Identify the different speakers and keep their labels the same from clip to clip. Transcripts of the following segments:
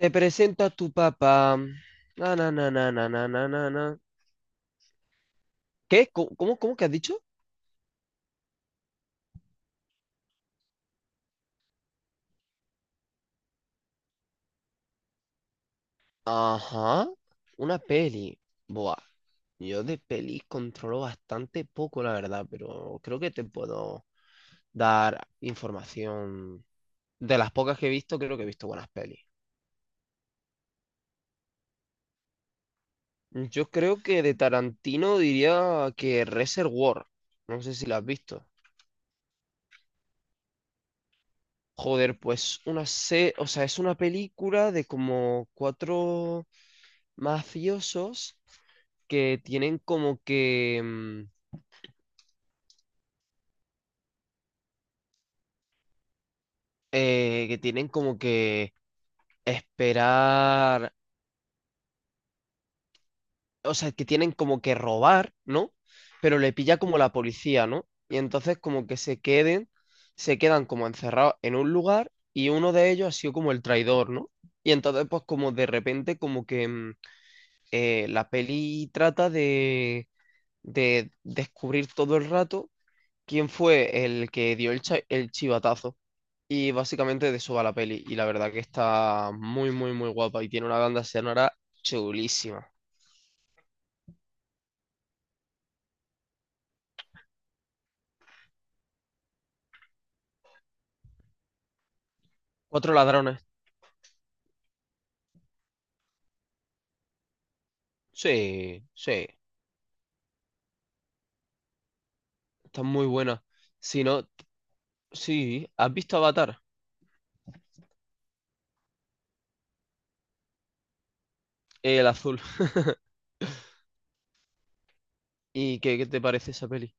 Speaker 1: Te presento a tu papá. Na, na, na, na, na, na, na, na, na. ¿Qué? ¿Cómo que has dicho? Ajá, una peli. Buah, yo de pelis controlo bastante poco, la verdad, pero creo que te puedo dar información. De las pocas que he visto, creo que he visto buenas pelis. Yo creo que de Tarantino diría que Reservoir. No sé si la has visto. Joder, pues o sea, es una película de como cuatro mafiosos que tienen como que, mm, que tienen como que esperar, o sea, que tienen como que robar, ¿no? Pero le pilla como la policía, ¿no? Y entonces como que se queden, se quedan como encerrados en un lugar y uno de ellos ha sido como el traidor, ¿no? Y entonces pues como de repente la peli trata de descubrir todo el rato quién fue el que dio el chivatazo. Y básicamente de eso va la peli. Y la verdad que está muy, muy, muy guapa. Y tiene una banda sonora chulísima. Cuatro ladrones. Sí, sí. Está muy buena. Si no, sí. ¿Has visto Avatar? El azul. ¿Y qué te parece esa peli?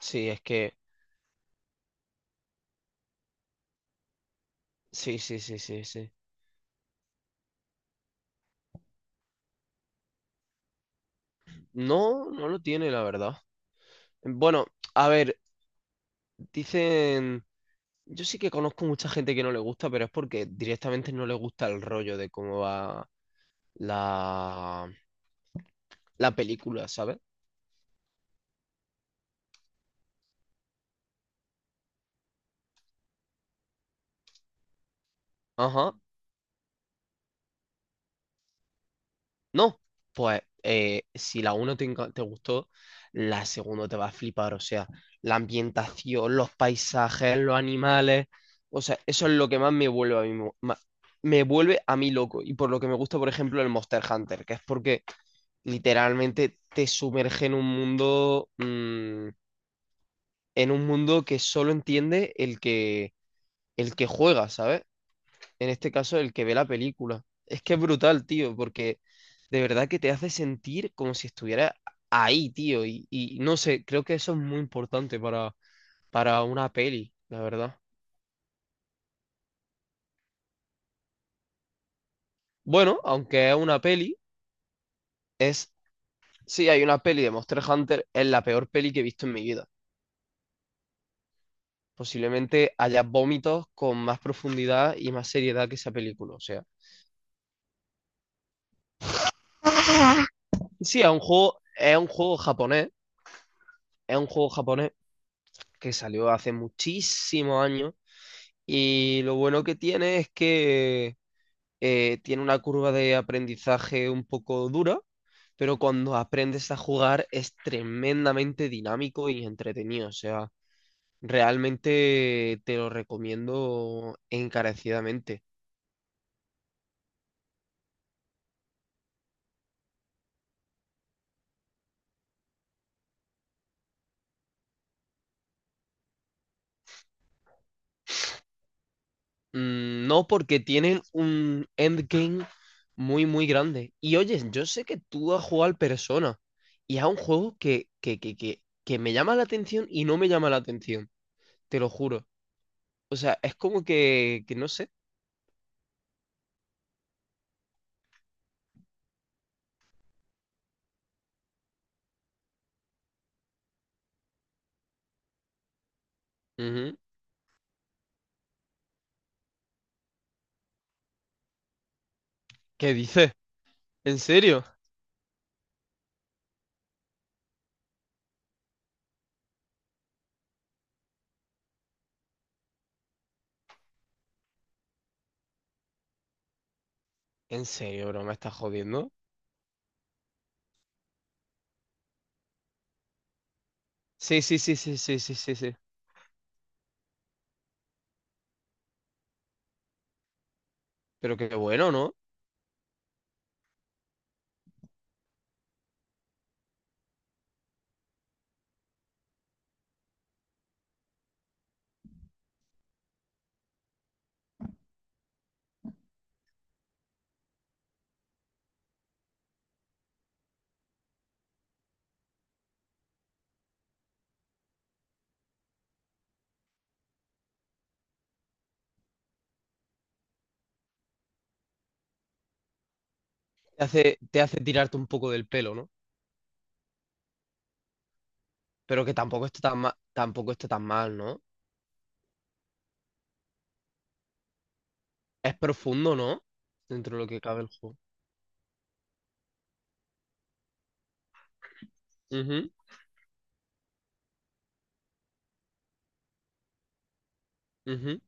Speaker 1: Sí, es que. Sí, sí, sí, sí, sí. No, no lo tiene, la verdad. Bueno, a ver, dicen. Yo sí que conozco mucha gente que no le gusta, pero es porque directamente no le gusta el rollo de cómo va la, la película, ¿sabes? Ajá. No, pues si la 1 te gustó, la segunda te va a flipar. O sea, la ambientación, los paisajes, los animales. O sea, eso es lo que más me vuelve a mí, me vuelve a mí loco. Y por lo que me gusta, por ejemplo, el Monster Hunter, que es porque literalmente te sumerge en un mundo, en un mundo que solo entiende el que juega, ¿sabes? En este caso, el que ve la película. Es que es brutal, tío, porque de verdad que te hace sentir como si estuviera ahí, tío. Y no sé, creo que eso es muy importante para una peli, la verdad. Bueno, aunque es una peli, es... Sí, hay una peli de Monster Hunter, es la peor peli que he visto en mi vida. Posiblemente haya vómitos con más profundidad y más seriedad que esa película. O sea, sí, es un juego japonés Es un juego japonés que salió hace muchísimos años y lo bueno que tiene es que tiene una curva de aprendizaje un poco dura, pero cuando aprendes a jugar es tremendamente dinámico y entretenido. O sea, realmente te lo recomiendo encarecidamente. Mm. No, porque tienen un endgame muy, muy grande. Y oye, yo sé que tú has jugado al Persona y es un juego que me llama la atención y no me llama la atención, te lo juro. O sea, es como que no sé. Ujú. ¿Qué dices? ¿En serio? ¿En serio, bro? ¿Me estás jodiendo? Sí, sí, sí, sí, sí, sí, sí, sí. Pero qué bueno, ¿no? Te hace tirarte un poco del pelo, ¿no? Pero que tampoco está tan mal, tampoco está tan mal, ¿no? Es profundo, ¿no? Dentro de lo que cabe el juego. Ujú, ujú,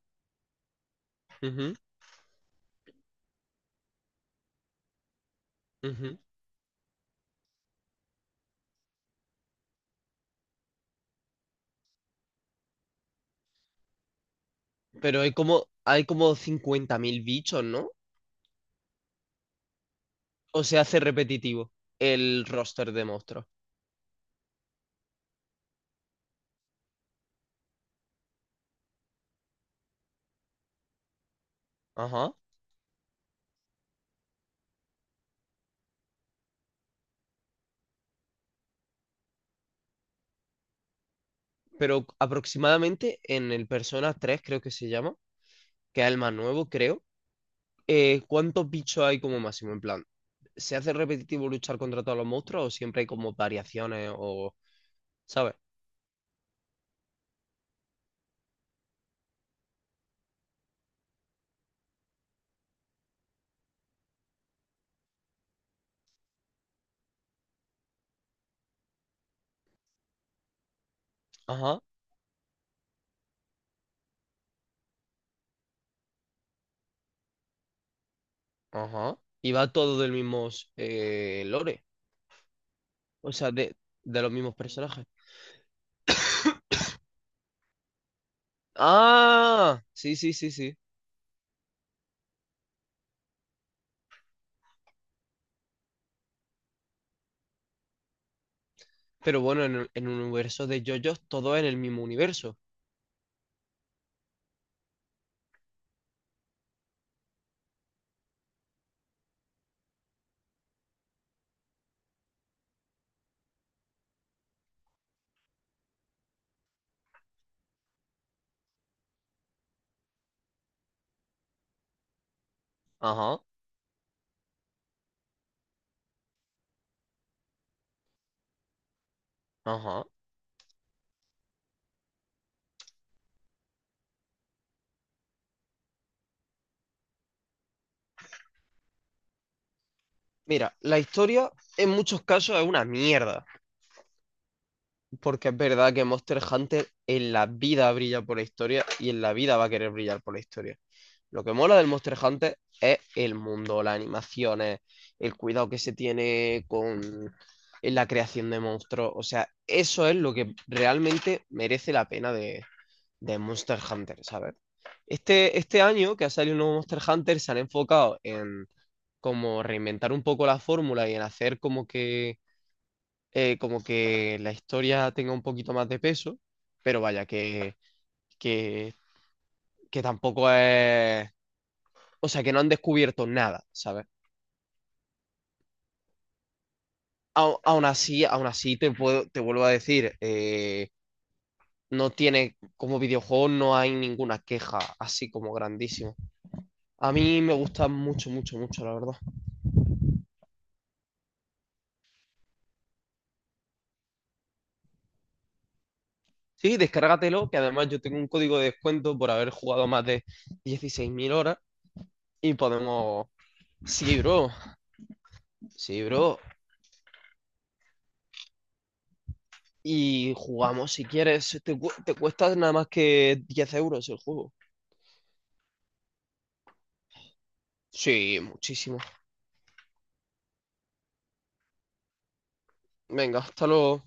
Speaker 1: ujú, ujú. Pero hay como 50.000 bichos, ¿no? O se hace repetitivo el roster de monstruos. Ajá. Pero aproximadamente en el Persona 3 creo que se llama, que es el más nuevo, creo. ¿Cuántos bichos hay como máximo? En plan, ¿se hace repetitivo luchar contra todos los monstruos o siempre hay como variaciones o, ¿sabes? Ajá, ajá. Y va todo del mismo lore. O sea, de los mismos personajes. Ah, sí, sí, sí, sí. Pero bueno, en un universo de JoJo's, todo es en el mismo universo. Ajá, ajá. Mira, la historia en muchos casos es una mierda, porque es verdad que Monster Hunter en la vida brilla por la historia y en la vida va a querer brillar por la historia. Lo que mola del Monster Hunter es el mundo, las animaciones, el cuidado que se tiene con en la creación de monstruos. O sea, eso es lo que realmente merece la pena de Monster Hunter, ¿sabes? Este año que ha salido un nuevo Monster Hunter se han enfocado en como reinventar un poco la fórmula y en hacer como que la historia tenga un poquito más de peso, pero vaya, que, que tampoco es... O sea, que no han descubierto nada, ¿sabes? Aún así te vuelvo a decir, no tiene, como videojuego no hay ninguna queja así como grandísima. A mí me gusta mucho, mucho, mucho, la verdad. Sí, descárgatelo, que además yo tengo un código de descuento por haber jugado más de 16.000 horas y podemos... Sí, bro, sí, bro. Y jugamos si quieres. Te cuesta nada más que 10 euros el juego. Sí, muchísimo. Venga, hasta luego.